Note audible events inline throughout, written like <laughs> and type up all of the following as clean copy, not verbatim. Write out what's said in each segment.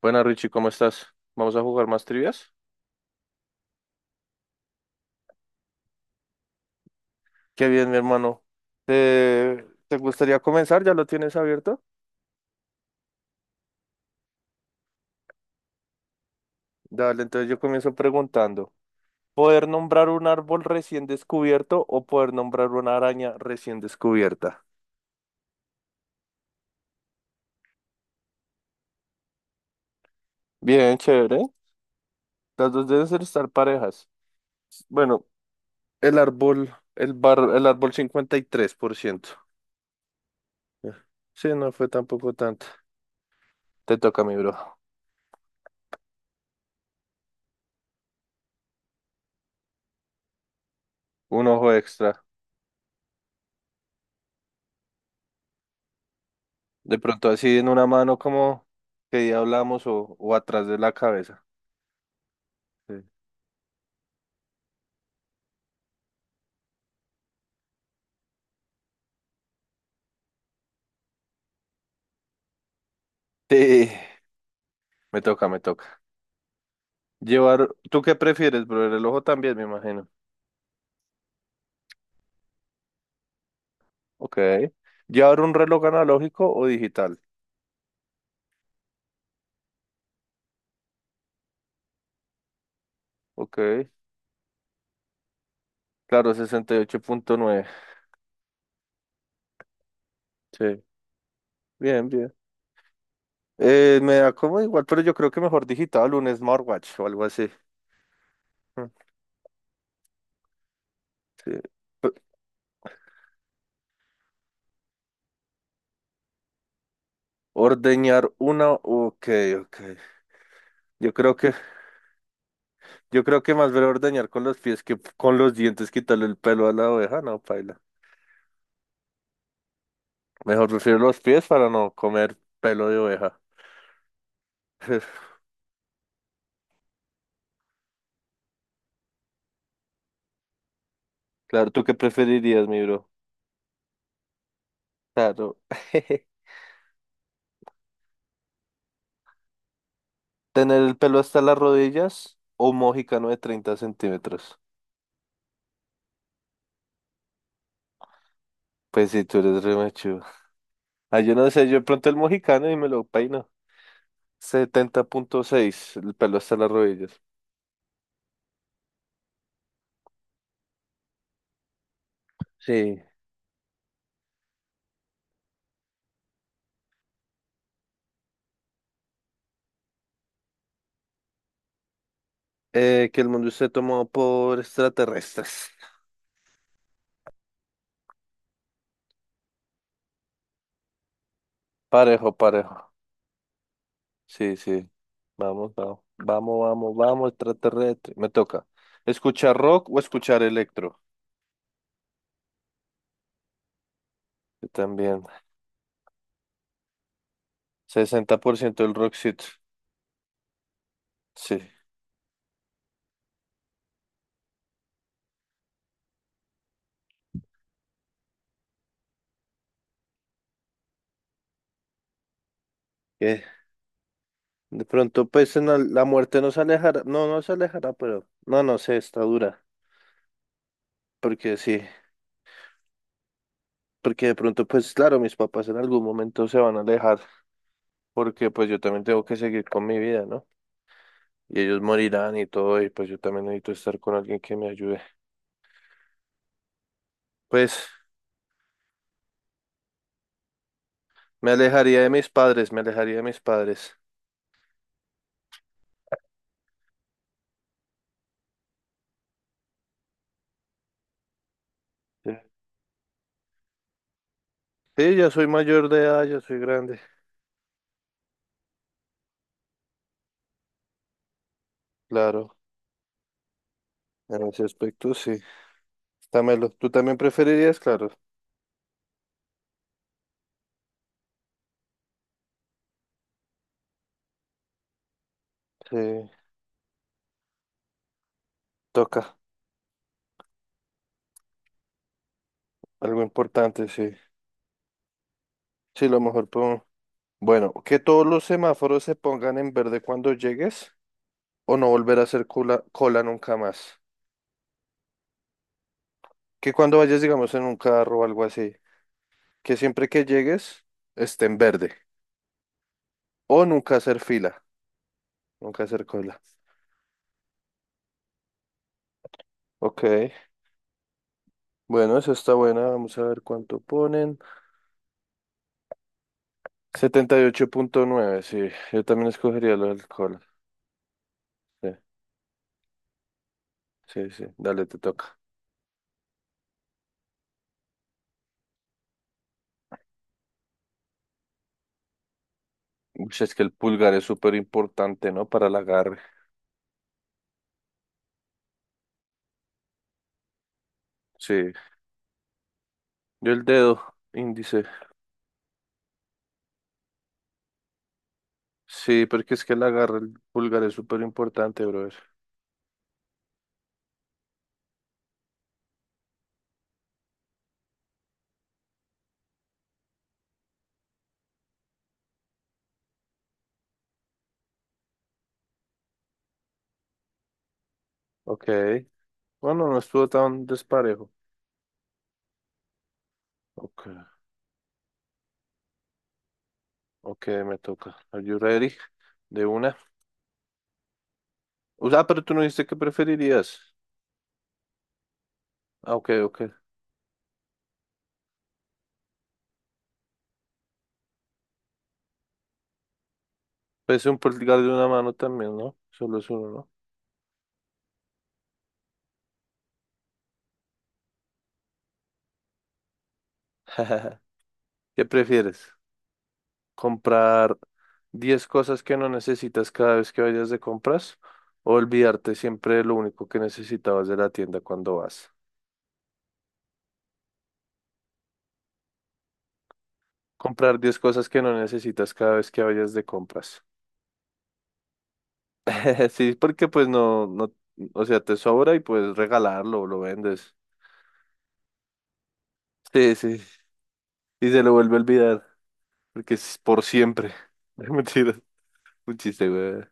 Buenas, Richie, ¿cómo estás? ¿Vamos a jugar más trivias? Qué bien, mi hermano. ¿Te gustaría comenzar? ¿Ya lo tienes abierto? Dale, entonces yo comienzo preguntando. ¿Poder nombrar un árbol recién descubierto o poder nombrar una araña recién descubierta? Bien, chévere. Las dos deben estar parejas. Bueno, el árbol 53%. Sí, no fue tampoco tanto. Te toca, mi bro. Un ojo extra. De pronto así en una mano como que día hablamos o atrás de la cabeza. Sí. Sí, me toca, me toca. Llevar, ¿tú qué prefieres, bro? El reloj también, me imagino. Ok. ¿Llevar un reloj analógico o digital? Ok. Claro, 68,9. Sí, bien, bien. Me da como igual, pero yo creo que mejor digital, un smartwatch o algo así. Mm, Sí. P- Ordeñar una, ok, ok. Yo creo que Yo creo que más vale ordeñar con los pies que con los dientes quitarle el pelo a la oveja, no, paila. Mejor prefiero los pies para no comer pelo de oveja. <laughs> Claro, ¿tú qué preferirías, mi bro? Claro. <laughs> ¿Tener el pelo hasta las rodillas o un mojicano de 30 centímetros? Pues si tú eres re machudo. Ah, yo no sé, yo de pronto el mojicano y me lo peino. 70,6, el pelo hasta las rodillas. Sí. Que el mundo esté tomado por extraterrestres. Parejo, parejo. Sí, sí. Vamos, vamos. Vamos, vamos, vamos, extraterrestre. Me toca. ¿Escuchar rock o escuchar electro? Yo también. 60% del rockcito. Sí. Eh, De pronto, pues en la muerte nos alejará. No, no se alejará, pero no, no sé, está dura. Porque sí. Porque de pronto, pues claro, mis papás en algún momento se van a alejar. Porque pues yo también tengo que seguir con mi vida, ¿no? Y ellos morirán y todo, y pues yo también necesito estar con alguien que me ayude. Pues. Me alejaría de mis padres, me alejaría de mis padres. Sí, sí, ya soy mayor de edad, ya soy grande. Claro, en ese aspecto sí. Dámelo. ¿Tú también preferirías? Claro. Sí, toca. Algo importante, sí. Sí, lo mejor pongo. Bueno, que todos los semáforos se pongan en verde cuando llegues o no volver a hacer cola, cola nunca más. Que cuando vayas, digamos, en un carro o algo así, que siempre que llegues esté en verde. O nunca hacer fila, nunca hacer cola. Ok. Bueno, esa está buena. Vamos a ver cuánto ponen. 78,9. Sí. Yo también escogería lo del alcohol. Sí, sí, sí. Dale, te toca. Uy, es que el pulgar es súper importante, ¿no? Para el agarre. Sí. Yo el dedo índice. Sí, porque es que el agarre, el pulgar es súper importante, brother. Ok. Bueno, no estuvo tan desparejo. Ok, ok, me toca. Are you ready? De una. O sea, pero tú no dijiste que preferirías. Ah, ok, ok. Pues un pulgar de una mano también, ¿no? Solo es uno, ¿no? <laughs> ¿Qué prefieres? ¿Comprar 10 cosas que no necesitas cada vez que vayas de compras o olvidarte siempre de lo único que necesitabas de la tienda cuando vas? Comprar diez cosas que no necesitas cada vez que vayas de compras. <laughs> Sí, porque pues no, no, o sea, te sobra y puedes regalarlo o lo vendes. Sí, sí, y se lo vuelve a olvidar porque es por siempre. <laughs> Mentira, un chiste, güey.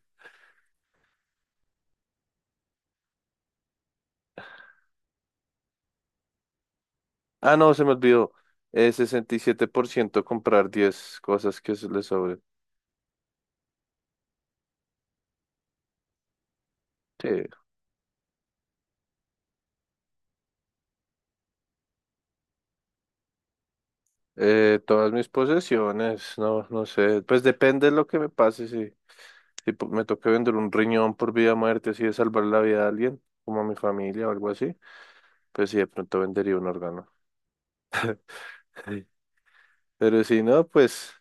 Ah, no, se me olvidó. 67% comprar 10 cosas que se le sobren. Sí. Todas mis posesiones, no, no sé. Pues depende de lo que me pase. Si, si po- Me toca vender un riñón por vida o muerte, así de salvar la vida de alguien, como a mi familia o algo así, pues sí, de pronto vendería un órgano. Sí. Pero si no, pues,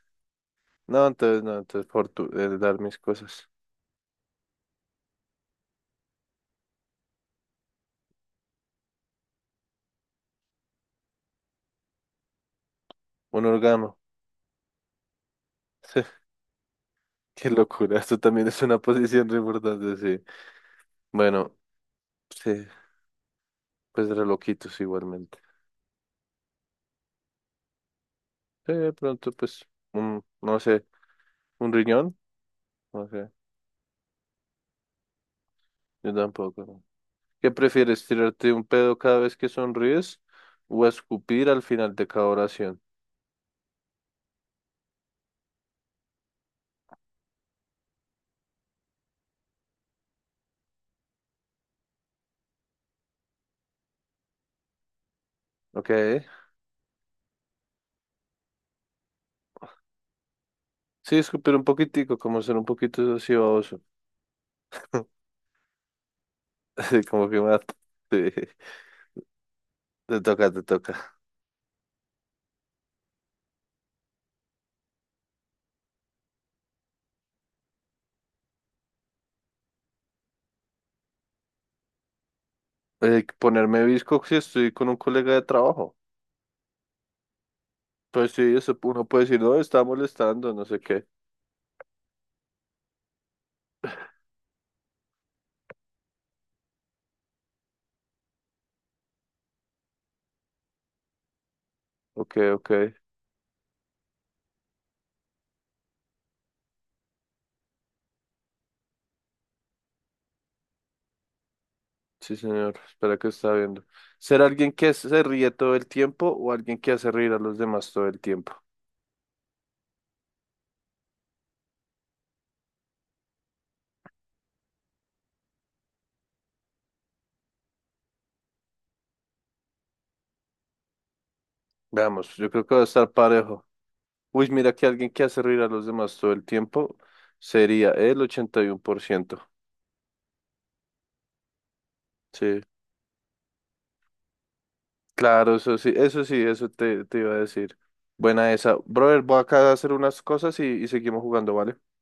no, entonces no, dar mis cosas. Un órgano. <laughs> Qué locura, esto también es una posición re importante, sí. Bueno. Sí, pues reloquitos igualmente. Sí, de pronto, pues, un, no sé, un riñón, no sé, yo tampoco, ¿no? ¿Qué prefieres, tirarte un pedo cada vez que sonríes o escupir al final de cada oración? Ok, sí, escupir un poquitico, como ser un poquito así baboso, <laughs> así como que mata. Sí, te toca, te toca. Ponerme visco si estoy con un colega de trabajo. Pues sí, eso uno puede decir, no, está molestando, no sé qué. Ok, ok. Sí, señor. Espera que está viendo. ¿Ser alguien que se ríe todo el tiempo o alguien que hace reír a los demás todo el tiempo? Veamos, yo creo que va a estar parejo. Uy, mira que alguien que hace reír a los demás todo el tiempo sería el 81%. Sí, claro, eso sí, eso sí, eso te iba a decir. Buena esa. Brother, voy acá a hacer unas cosas y seguimos jugando, ¿vale?